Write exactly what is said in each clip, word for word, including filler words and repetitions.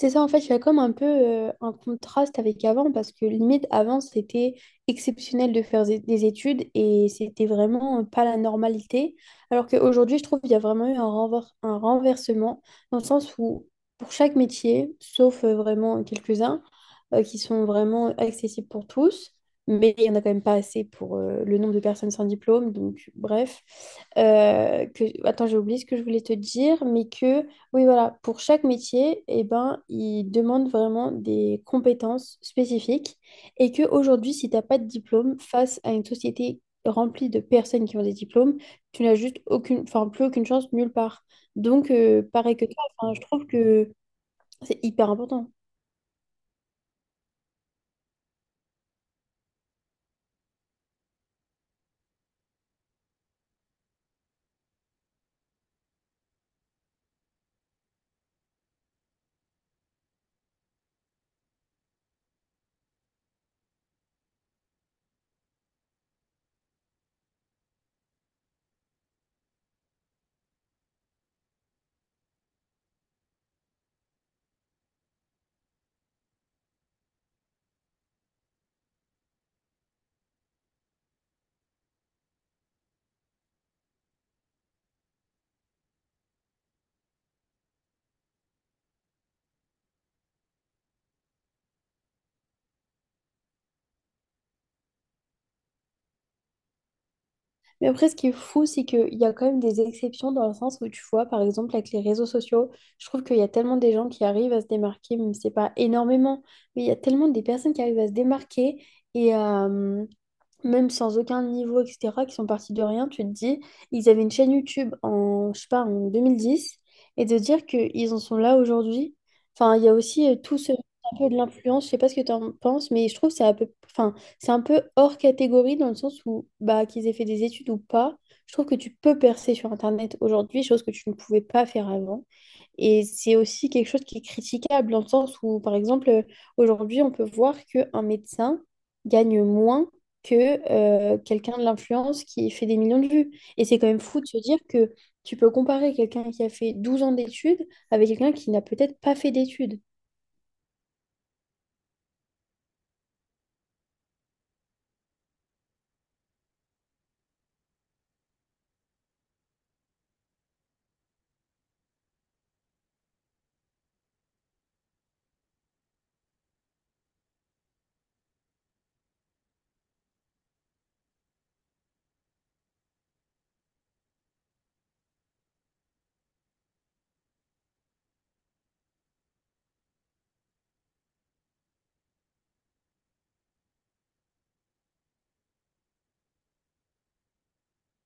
C'est ça, en fait, il y a comme un peu euh, un contraste avec avant, parce que limite, avant, c'était exceptionnel de faire zé- des études et c'était vraiment pas la normalité. Alors qu'aujourd'hui, je trouve qu'il y a vraiment eu un renvers- un renversement, dans le sens où pour chaque métier, sauf euh, vraiment quelques-uns euh, qui sont vraiment accessibles pour tous, mais il n'y en a quand même pas assez pour euh, le nombre de personnes sans diplôme, donc bref. Euh, que... Attends, j'ai oublié ce que je voulais te dire, mais que... Oui, voilà, pour chaque métier, eh ben, ils demandent vraiment des compétences spécifiques et que aujourd'hui, si tu n'as pas de diplôme face à une société remplie de personnes qui ont des diplômes, tu n'as juste aucune, enfin, plus aucune chance nulle part. Donc, euh, pareil que toi, enfin, je trouve que c'est hyper important. Mais après, ce qui est fou, c'est qu'il y a quand même des exceptions dans le sens où tu vois, par exemple, avec les réseaux sociaux, je trouve qu'il y a tellement des gens qui arrivent à se démarquer, même si c'est pas énormément, mais il y a tellement des personnes qui arrivent à se démarquer et à, même sans aucun niveau, et cetera, qui sont partis de rien, tu te dis, ils avaient une chaîne YouTube en, je sais pas, en deux mille dix et de dire qu'ils en sont là aujourd'hui, enfin, il y a aussi euh, tout ce un peu de l'influence, je sais pas ce que tu en penses, mais je trouve que c'est un peu, enfin, c'est un peu hors catégorie dans le sens où, bah, qu'ils aient fait des études ou pas, je trouve que tu peux percer sur Internet aujourd'hui, chose que tu ne pouvais pas faire avant. Et c'est aussi quelque chose qui est critiquable dans le sens où, par exemple, euh, aujourd'hui, on peut voir qu'un médecin gagne moins que euh, quelqu'un de l'influence qui fait des millions de vues. Et c'est quand même fou de se dire que tu peux comparer quelqu'un qui a fait douze ans d'études avec quelqu'un qui n'a peut-être pas fait d'études.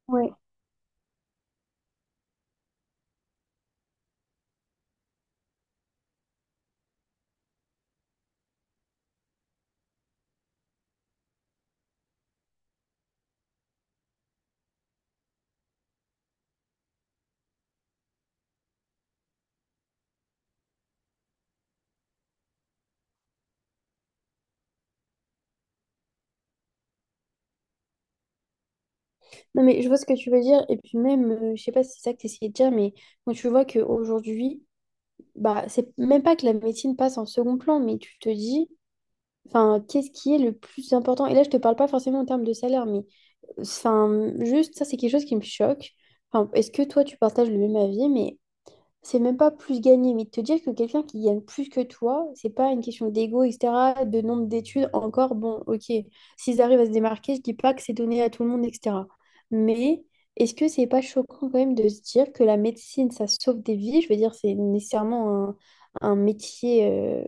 Ouais. Non, mais je vois ce que tu veux dire. Et puis même, euh, je sais pas si c'est ça que tu essayais de dire, mais quand tu vois qu'aujourd'hui, bah, c'est même pas que la médecine passe en second plan, mais tu te dis, enfin, qu'est-ce qui est le plus important? Et là, je te parle pas forcément en termes de salaire, mais enfin, juste ça, c'est quelque chose qui me choque. Enfin, est-ce que toi, tu partages le même avis, mais c'est même pas plus gagner, mais de te dire que quelqu'un qui gagne plus que toi, c'est pas une question d'ego, et cetera, de nombre d'études, encore, bon, ok, s'ils arrivent à se démarquer, je dis pas que c'est donné à tout le monde, et cetera. Mais est-ce que c'est pas choquant quand même de se dire que la médecine, ça sauve des vies? Je veux dire, c'est nécessairement un, un métier euh,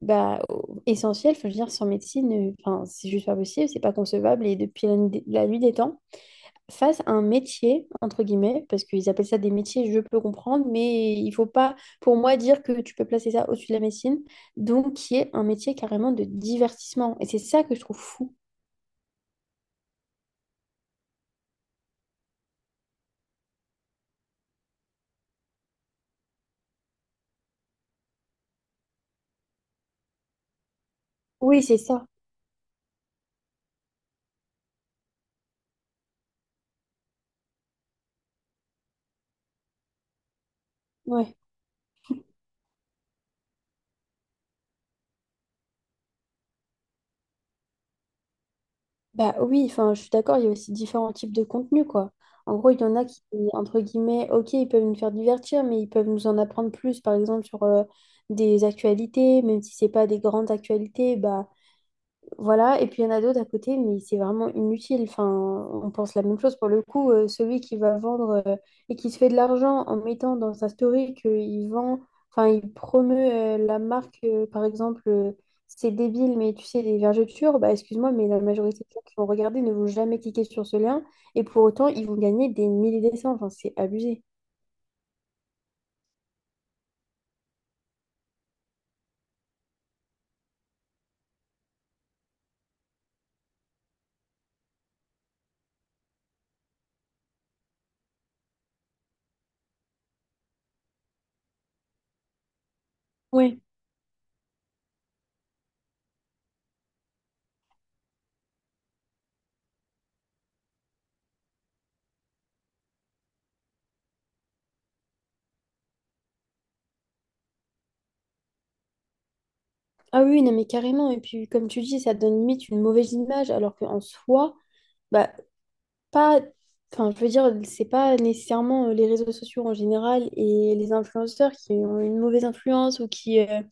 bah, essentiel. Enfin, je veux dire, sans médecine, euh, enfin, c'est juste pas possible, c'est pas concevable, et depuis la nuit des la nuit des temps fassent un métier, entre guillemets, parce qu'ils appellent ça des métiers, je peux comprendre, mais il faut pas, pour moi, dire que tu peux placer ça au-dessus de la médecine, donc qui est un métier carrément de divertissement. Et c'est ça que je trouve fou. Oui, c'est ça. Ouais. Bah oui, enfin, je suis d'accord, il y a aussi différents types de contenus, quoi. En gros, il y en a qui, entre guillemets, ok, ils peuvent nous faire divertir, mais ils peuvent nous en apprendre plus, par exemple, sur euh, des actualités, même si c'est pas des grandes actualités, bah voilà, et puis il y en a d'autres à côté, mais c'est vraiment inutile. Enfin, on pense la même chose pour le coup. Euh, celui qui va vendre euh, et qui se fait de l'argent en mettant dans sa story qu'il vend, enfin, il promeut euh, la marque, euh, par exemple, euh, c'est débile, mais tu sais, des vergetures, bah excuse-moi, mais la majorité des gens qui vont regarder ne vont jamais cliquer sur ce lien, et pour autant, ils vont gagner des milliers de cents. Enfin, c'est abusé. Oui. Ah oui, non, mais carrément. Et puis, comme tu dis, ça donne limite une mauvaise image, alors qu'en soi, bah, pas, enfin, je veux dire, c'est pas nécessairement euh, les réseaux sociaux en général et les influenceurs qui ont une mauvaise influence ou qui, euh,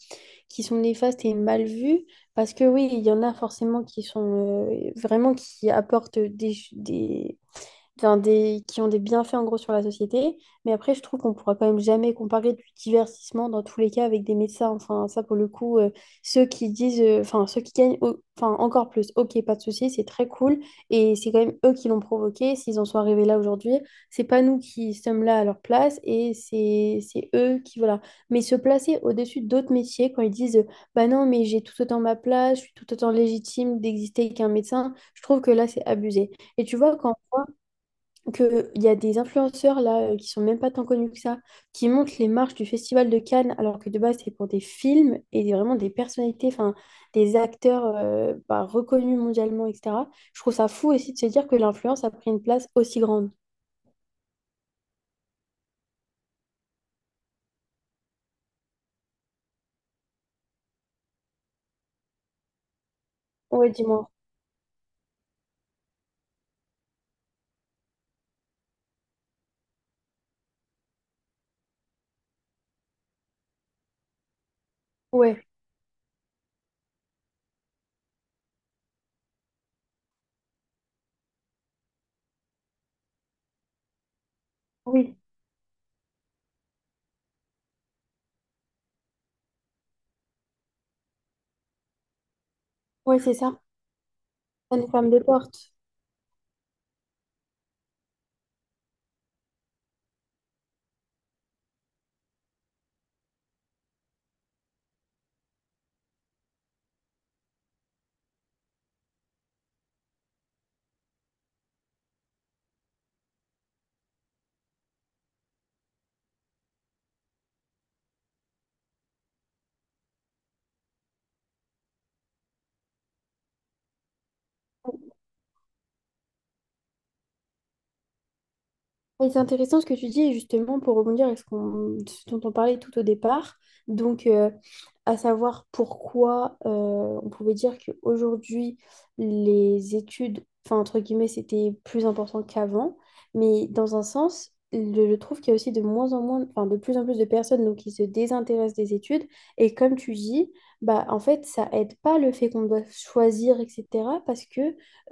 qui sont néfastes et mal vus. Parce que oui, il y en a forcément qui sont euh, vraiment qui apportent des, ch- des, enfin, des, qui ont des bienfaits en gros sur la société. Mais après, je trouve qu'on pourra quand même jamais comparer du divertissement dans tous les cas avec des médecins. Enfin, ça pour le coup, euh, ceux qui disent, euh, enfin, ceux qui gagnent au- enfin, encore plus, ok, pas de souci, c'est très cool. Et c'est quand même eux qui l'ont provoqué. S'ils en sont arrivés là aujourd'hui, c'est pas nous qui sommes là à leur place et c'est c'est eux qui, voilà. Mais se placer au-dessus d'autres métiers quand ils disent, bah non, mais j'ai tout autant ma place, je suis tout autant légitime d'exister qu'un médecin, je trouve que là, c'est abusé. Et tu vois, quand qu'il y a des influenceurs là euh, qui sont même pas tant connus que ça, qui montent les marches du Festival de Cannes, alors que de base c'est pour des films et des- vraiment des personnalités, enfin des acteurs euh, bah, reconnus mondialement, et cetera. Je trouve ça fou aussi de se dire que l'influence a pris une place aussi grande. Ouais, dis-moi. Ouais, oui, ouais, c'est ça. Ça nous ferme des portes. Oui, c'est intéressant ce que tu dis, et justement, pour rebondir avec ce qu'on, ce dont on parlait tout au départ, donc euh, à savoir pourquoi euh, on pouvait dire qu'aujourd'hui, les études, enfin, entre guillemets, c'était plus important qu'avant, mais dans un sens, le- je trouve qu'il y a aussi de moins en moins, enfin, de plus en plus de personnes donc, qui se désintéressent des études, et comme tu dis, bah, en fait, ça aide pas le fait qu'on doit choisir, et cetera, parce que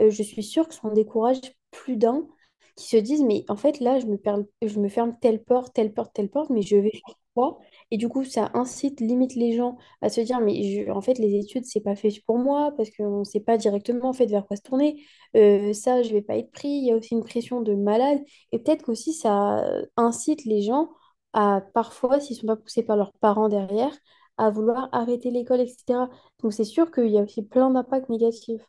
euh, je suis sûre que ça en décourage plus d'un qui se disent, mais en fait, là, je me perle- je me ferme telle porte, telle porte, telle porte, mais je vais faire quoi? Et du coup, ça incite, limite les gens à se dire, mais je- en fait, les études, c'est pas fait pour moi, parce qu'on ne sait pas directement, en fait, vers quoi se tourner. Euh, ça, je vais pas être pris. Il y a aussi une pression de malade. Et peut-être qu'aussi, ça incite les gens à, parfois, s'ils sont pas poussés par leurs parents derrière, à vouloir arrêter l'école, et cetera. Donc, c'est sûr qu'il y a aussi plein d'impacts négatifs.